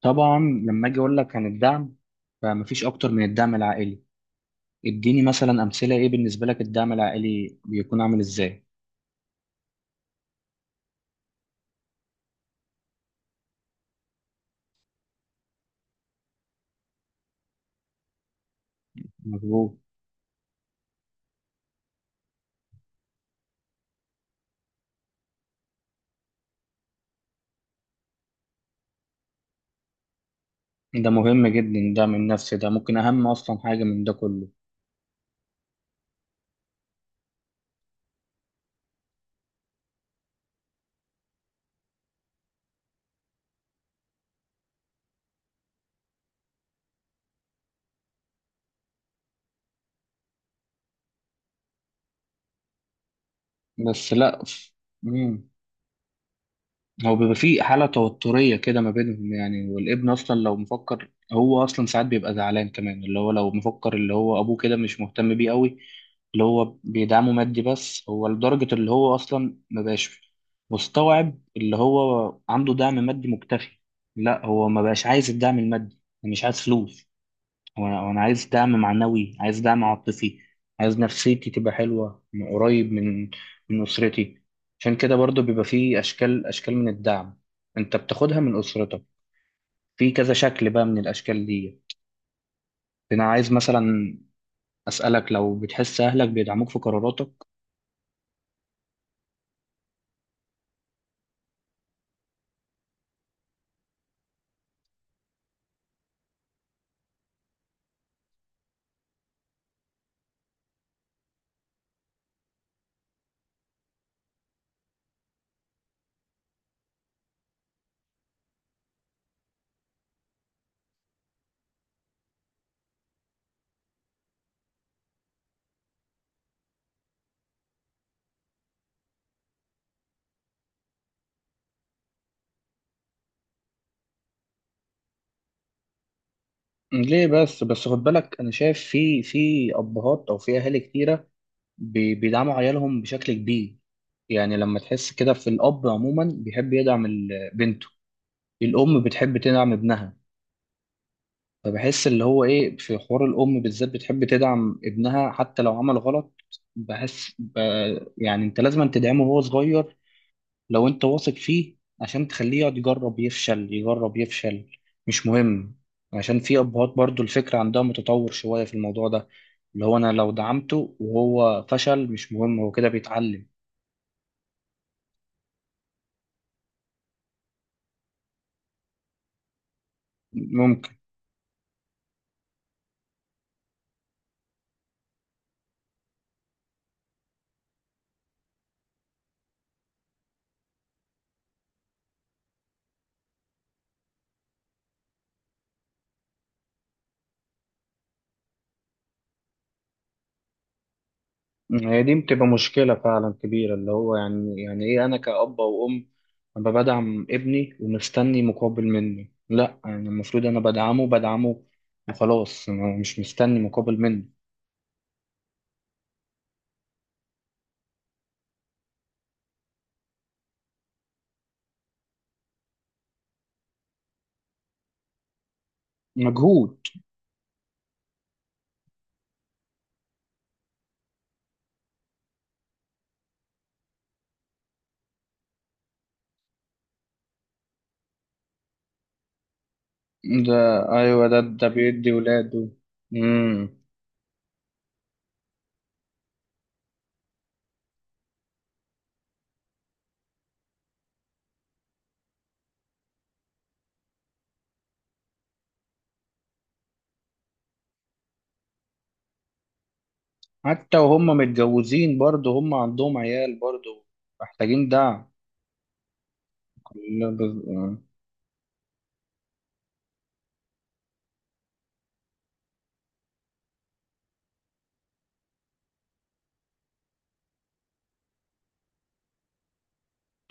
طبعا، لما اجي اقول لك عن الدعم فمفيش اكتر من الدعم العائلي. اديني مثلا امثله، ايه بالنسبه لك الدعم العائلي بيكون عامل ازاي؟ مظبوط. ده مهم جدا، الدعم النفسي ده ممكن اهم اصلا حاجه من ده كله. بس لا، مم. هو بيبقى في حالة توترية كده ما بينهم يعني، والابن أصلا لو مفكر، هو أصلا ساعات بيبقى زعلان كمان، اللي هو لو مفكر اللي هو أبوه كده مش مهتم بيه قوي، اللي هو بيدعمه مادي بس، هو لدرجة اللي هو أصلا ما بقاش مستوعب اللي هو عنده دعم مادي مكتفي. لا، هو ما بقاش عايز الدعم المادي، يعني مش عايز فلوس، وأنا عايز دعم معنوي، عايز دعم عاطفي، عايز نفسيتي تبقى حلوة من قريب، من أسرتي. عشان كده برضو بيبقى فيه أشكال أشكال من الدعم أنت بتاخدها من أسرتك، في كذا شكل بقى من الأشكال دي. أنا عايز مثلا أسألك، لو بتحس أهلك بيدعموك في قراراتك. ليه بس بس خد بالك، أنا شايف في أبهات أو في أهالي كتيرة بيدعموا عيالهم بشكل كبير. يعني لما تحس كده، في الأب عموما بيحب يدعم بنته، الأم بتحب تدعم ابنها. فبحس اللي هو إيه، في حوار الأم بالذات بتحب تدعم ابنها حتى لو عمل غلط. بحس يعني أنت لازم تدعمه وهو صغير، لو أنت واثق فيه، عشان تخليه يقعد يجرب يفشل يجرب يفشل، مش مهم. عشان في أبهات برضو الفكرة عندها متطور شوية في الموضوع ده، اللي هو أنا لو دعمته وهو فشل مش مهم، هو كده بيتعلم. ممكن. هي دي بتبقى مشكلة فعلا كبيرة، اللي هو يعني إيه، أنا كأب أو أم أبقى بدعم ابني ومستني مقابل مني؟ لأ، يعني المفروض أنا بدعمه وخلاص، أنا مش مستني مقابل منه. مجهود. ده أيوة، ده بيدي ولاده. مم. حتى وهم متجوزين برضه، هم عندهم عيال برضه محتاجين دعم. كل- بز-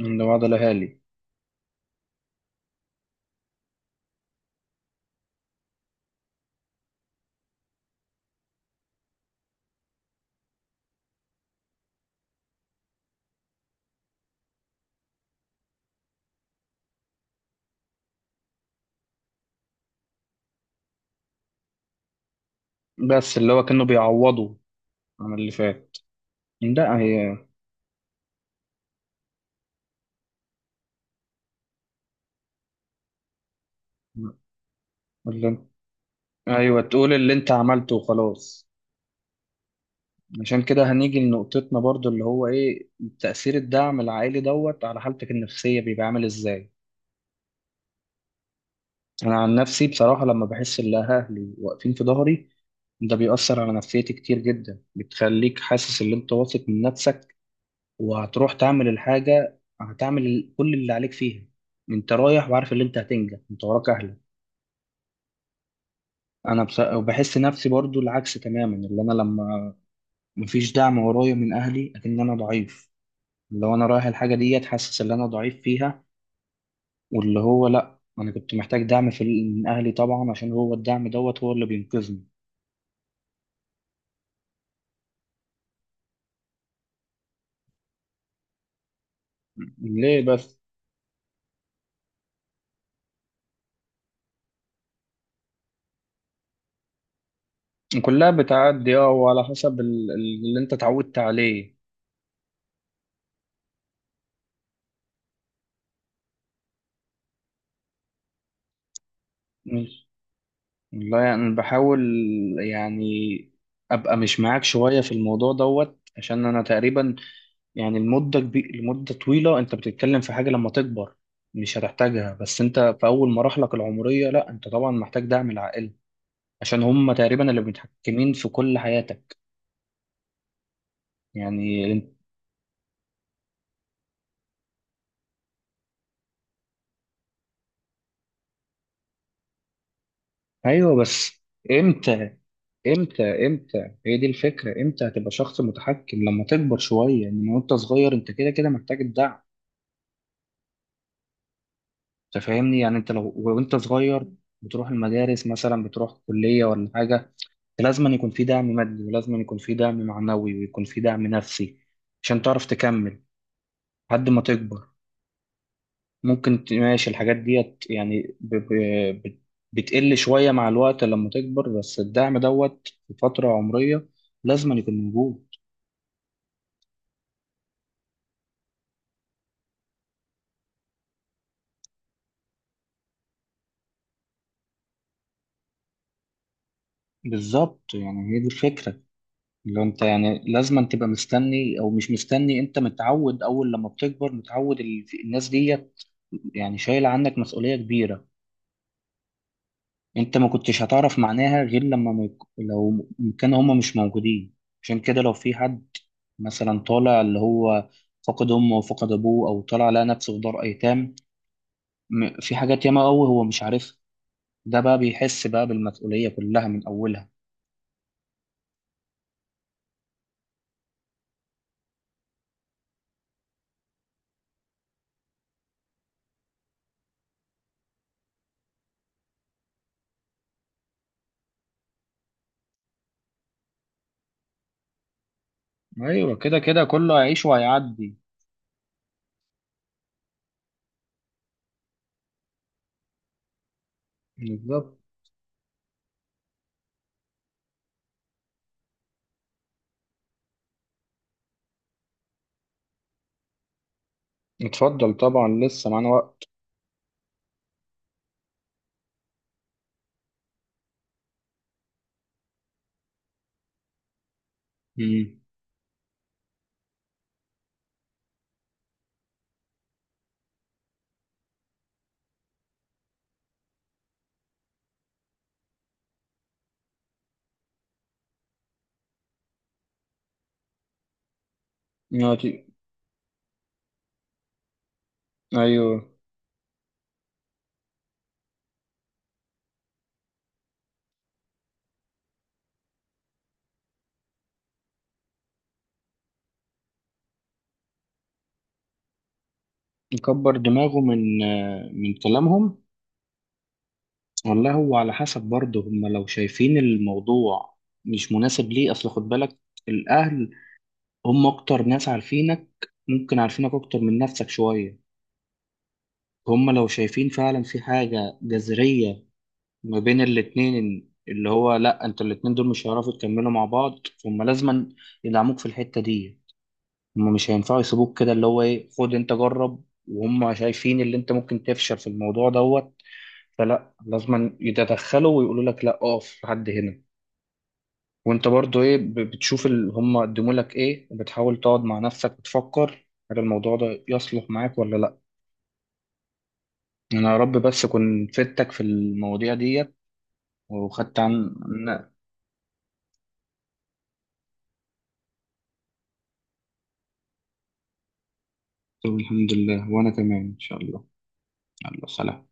عند بعض الأهالي. بس اللي هو كانوا بيعوضوا عن اللي فات. لا، هي ايوه، تقول اللي انت عملته وخلاص. عشان كده هنيجي لنقطتنا برضو، اللي هو ايه تأثير الدعم العائلي دوت على حالتك النفسية، بيبقى عامل ازاي؟ انا عن نفسي بصراحة لما بحس ان اهلي واقفين في ظهري، ده بيأثر على نفسيتي كتير جدا، بتخليك حاسس ان انت واثق من نفسك، وهتروح تعمل الحاجة هتعمل كل اللي عليك فيها، انت رايح وعارف ان انت هتنجح، انت وراك اهلك. انا وبحس نفسي برضو العكس تماما، اللي انا لما مفيش دعم ورايا من اهلي، اكن انا ضعيف، لو انا رايح الحاجه ديت حاسس ان انا ضعيف فيها، واللي هو لا، انا كنت محتاج دعم في، من اهلي طبعا، عشان هو الدعم دوت هو اللي بينقذني. ليه بس؟ كلها بتعدي اه، وعلى حسب اللي انت اتعودت عليه. مش- والله يعني أنا بحاول، يعني ابقى مش معاك شويه في الموضوع دوت، عشان انا تقريبا، يعني المده كبير، لمده طويله انت بتتكلم في حاجه لما تكبر مش هتحتاجها، بس انت في اول مراحلك العمريه لا، انت طبعا محتاج دعم العائله، عشان هم تقريبا اللي متحكمين في كل حياتك، يعني. ايوه بس، امتى، امتى هي دي الفكره، امتى هتبقى شخص متحكم؟ لما تكبر شويه، انما وانت صغير انت كده كده محتاج الدعم. انت فاهمني؟ يعني انت لو وانت صغير بتروح المدارس مثلا، بتروح كليه ولا حاجه، أنت لازم أن يكون في دعم مادي، ولازم أن يكون في دعم معنوي، ويكون في دعم نفسي، عشان تعرف تكمل لحد ما تكبر. ممكن ماشي، الحاجات ديت يعني بتقل شوية مع الوقت لما تكبر، بس الدعم دوت في فترة عمرية لازم يكون موجود. بالظبط، يعني هي دي الفكرة. لو انت يعني لازم تبقى مستني او مش مستني، انت متعود، اول لما بتكبر متعود الناس ديت يعني شايلة عنك مسؤولية كبيرة، انت ما كنتش هتعرف معناها غير لما ما لو كانوا هما مش موجودين. عشان كده لو في حد مثلا طالع اللي هو فقد امه وفقد ابوه، او طالع لقى نفسه في دار ايتام، في حاجات ياما قوي هو مش عارفها، ده بقى بيحس بقى بالمسؤولية كلها من اولها. ايوه، كده كده كله هيعيش وهيعدي. بالظبط. اتفضل طبعا، لسه معانا وقت. امم. يا تي- ايوه. يكبر دماغه من كلامهم. والله هو على حسب برضه، هم لو شايفين الموضوع مش مناسب ليه، اصل خد بالك، الاهل هم اكتر ناس عارفينك، ممكن عارفينك اكتر من نفسك شوية، هم لو شايفين فعلا في حاجة جذرية ما بين الاتنين، اللي هو لا، انت الاتنين دول مش هيعرفوا يكملوا مع بعض، فهم لازما يدعموك في الحتة دي، هم مش هينفعوا يسيبوك كده، اللي هو ايه، خد انت جرب، وهم شايفين اللي انت ممكن تفشل في الموضوع دوت، فلا، لازما يتدخلوا ويقولوا لك لا، اقف لحد هنا. وانت برضو ايه، بتشوف اللي هم قدموا لك ايه، بتحاول تقعد مع نفسك بتفكر هل الموضوع ده يصلح معاك ولا لا. انا يا رب بس اكون فدتك في المواضيع ديت، وخدت عن. لا، طب الحمد لله، وانا تمام ان شاء الله. يلا سلام.